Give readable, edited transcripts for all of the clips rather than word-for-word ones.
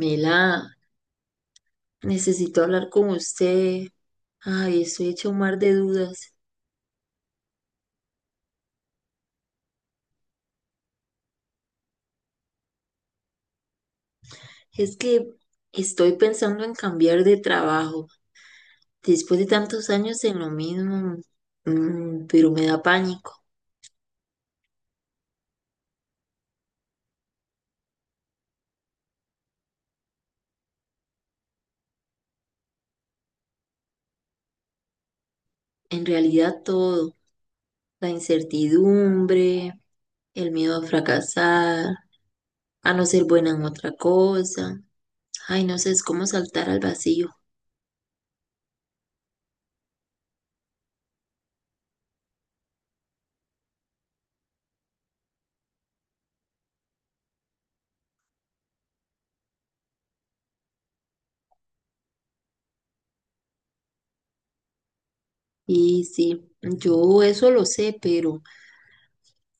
Mela, necesito hablar con usted. Ay, estoy hecha un mar de dudas. Es que estoy pensando en cambiar de trabajo después de tantos años en lo mismo, pero me da pánico. En realidad todo, la incertidumbre, el miedo a fracasar, a no ser buena en otra cosa. Ay, no sé, es como saltar al vacío. Y sí, yo eso lo sé, pero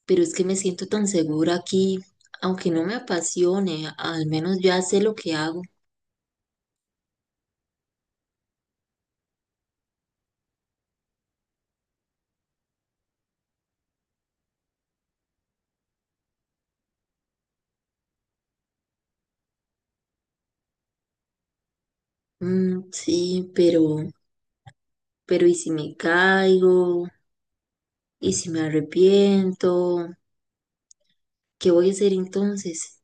es que me siento tan segura aquí, aunque no me apasione, al menos ya sé lo que hago. Mm, sí, pero ¿y si me caigo? ¿Y si me arrepiento? ¿Qué voy a hacer entonces?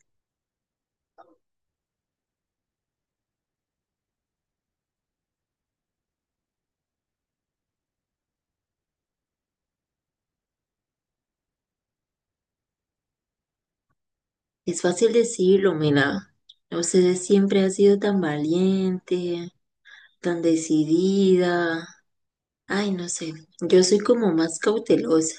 Es fácil decirlo, Mela. Usted siempre ha sido tan valiente, tan decidida. Ay, no sé, yo soy como más cautelosa,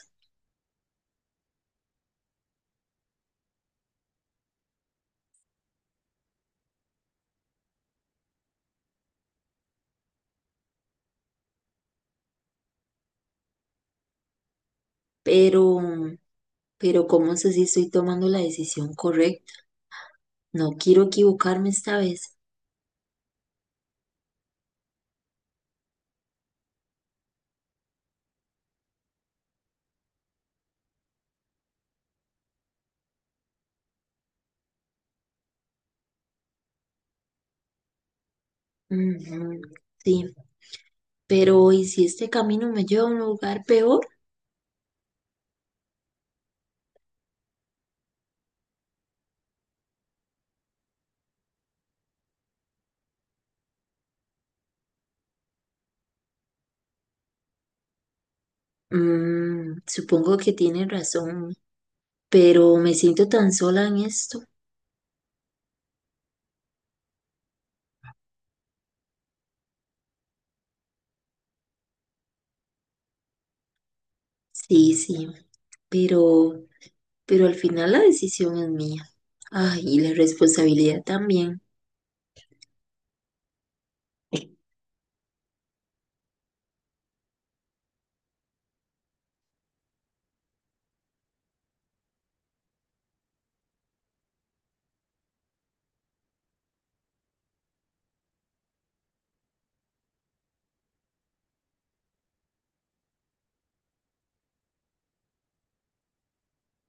pero, pero ¿cómo sé si estoy tomando la decisión correcta? No quiero equivocarme esta vez. Ujú. Sí, pero ¿y si este camino me lleva a un lugar peor? Mm, supongo que tiene razón, pero me siento tan sola en esto. Sí, sí, pero, pero al final la decisión es mía. Ay, y la responsabilidad también.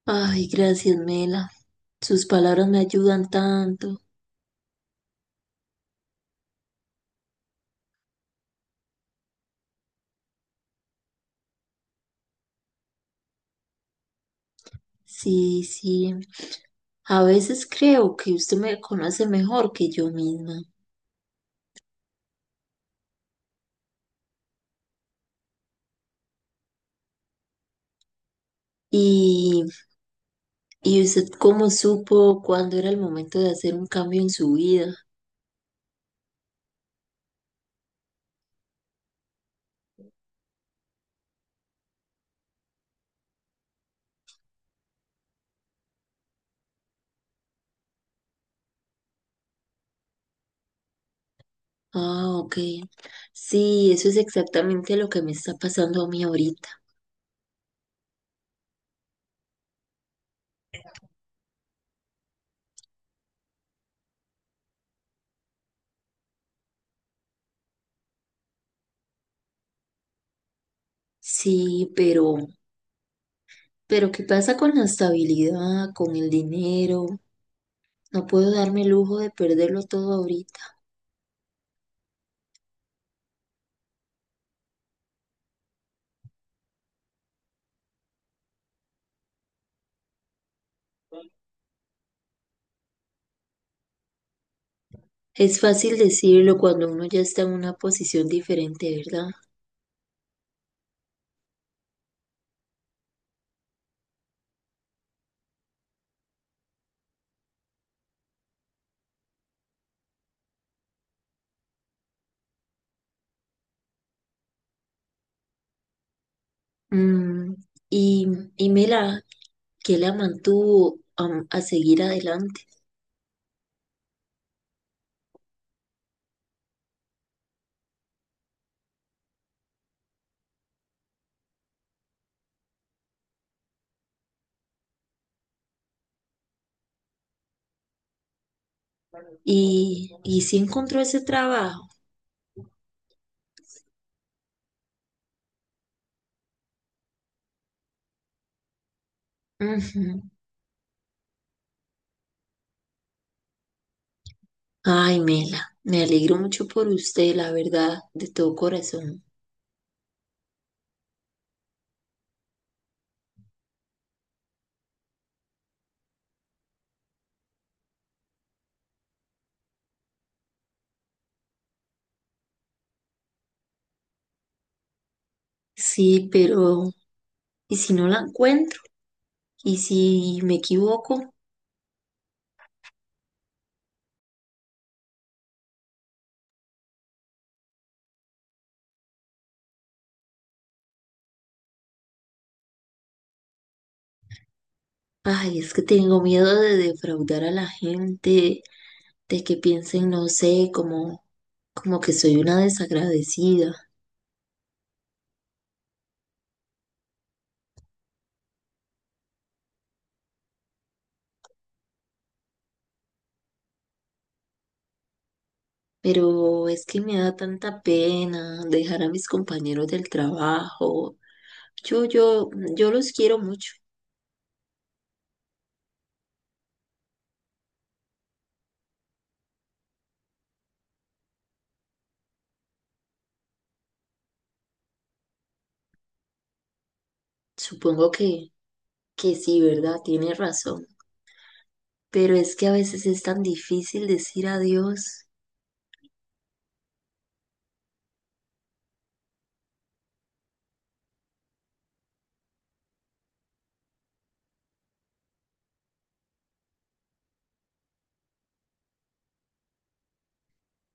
Ay, gracias, Mela. Sus palabras me ayudan tanto. Sí, sí. A veces creo que usted me conoce mejor que yo misma. ¿Y usted cómo supo cuándo era el momento de hacer un cambio en su vida? Ah, ok. Sí, eso es exactamente lo que me está pasando a mí ahorita. Sí, pero ¿qué pasa con la estabilidad, con el dinero? No puedo darme el lujo de perderlo todo ahorita. Es fácil decirlo cuando uno ya está en una posición diferente, ¿verdad? Mm, y, y Mela, ¿qué la mantuvo a, seguir adelante? ¿Y, si encontró ese trabajo? Ujú. Ay, Mela, me alegro mucho por usted, la verdad, de todo corazón. Sí, pero ¿y si no la encuentro? ¿Y si me equivoco? Ay, es que tengo miedo de defraudar a la gente, de que piensen, no sé, como, como que soy una desagradecida. Pero es que me da tanta pena dejar a mis compañeros del trabajo. Yo, yo, yo los quiero mucho. Supongo que, sí, ¿verdad? Tiene razón. Pero es que a veces es tan difícil decir adiós.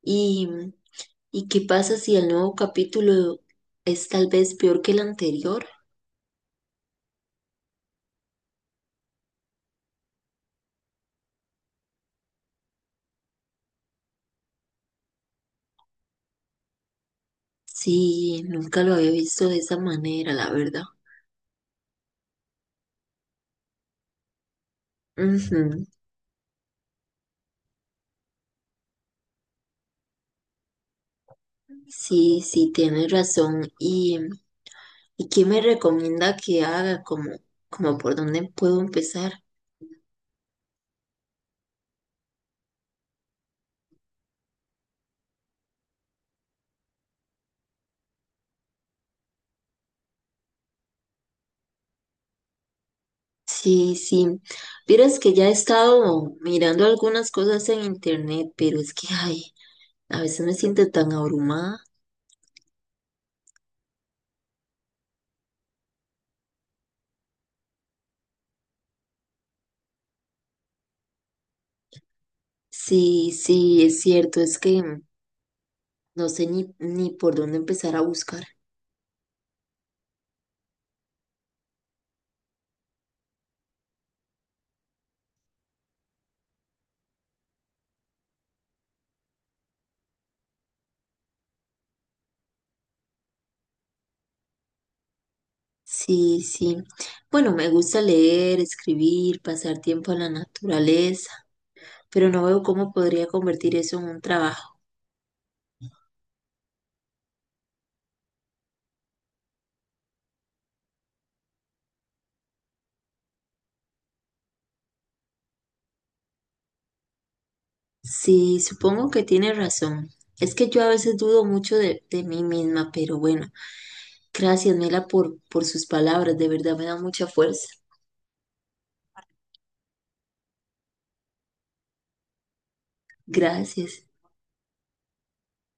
¿Y, qué pasa si el nuevo capítulo es tal vez peor que el anterior? Sí, nunca lo había visto de esa manera, la verdad. Ujú. Sí, sí, tienes razón. ¿Y, qué me recomienda que haga? Como, como por dónde puedo empezar? Sí, sí. Vieras que ya he estado mirando algunas cosas en internet, pero es que, ay, a veces me siento tan abrumada. Sí, sí, es cierto, es que no sé ni, ni por dónde empezar a buscar. Sí, sí. Bueno, me gusta leer, escribir, pasar tiempo en la naturaleza, pero no veo cómo podría convertir eso en un trabajo. Sí, supongo que tienes razón. Es que yo a veces dudo mucho de mí misma, pero bueno, gracias, Mela, por, sus palabras, de verdad me da mucha fuerza. Gracias.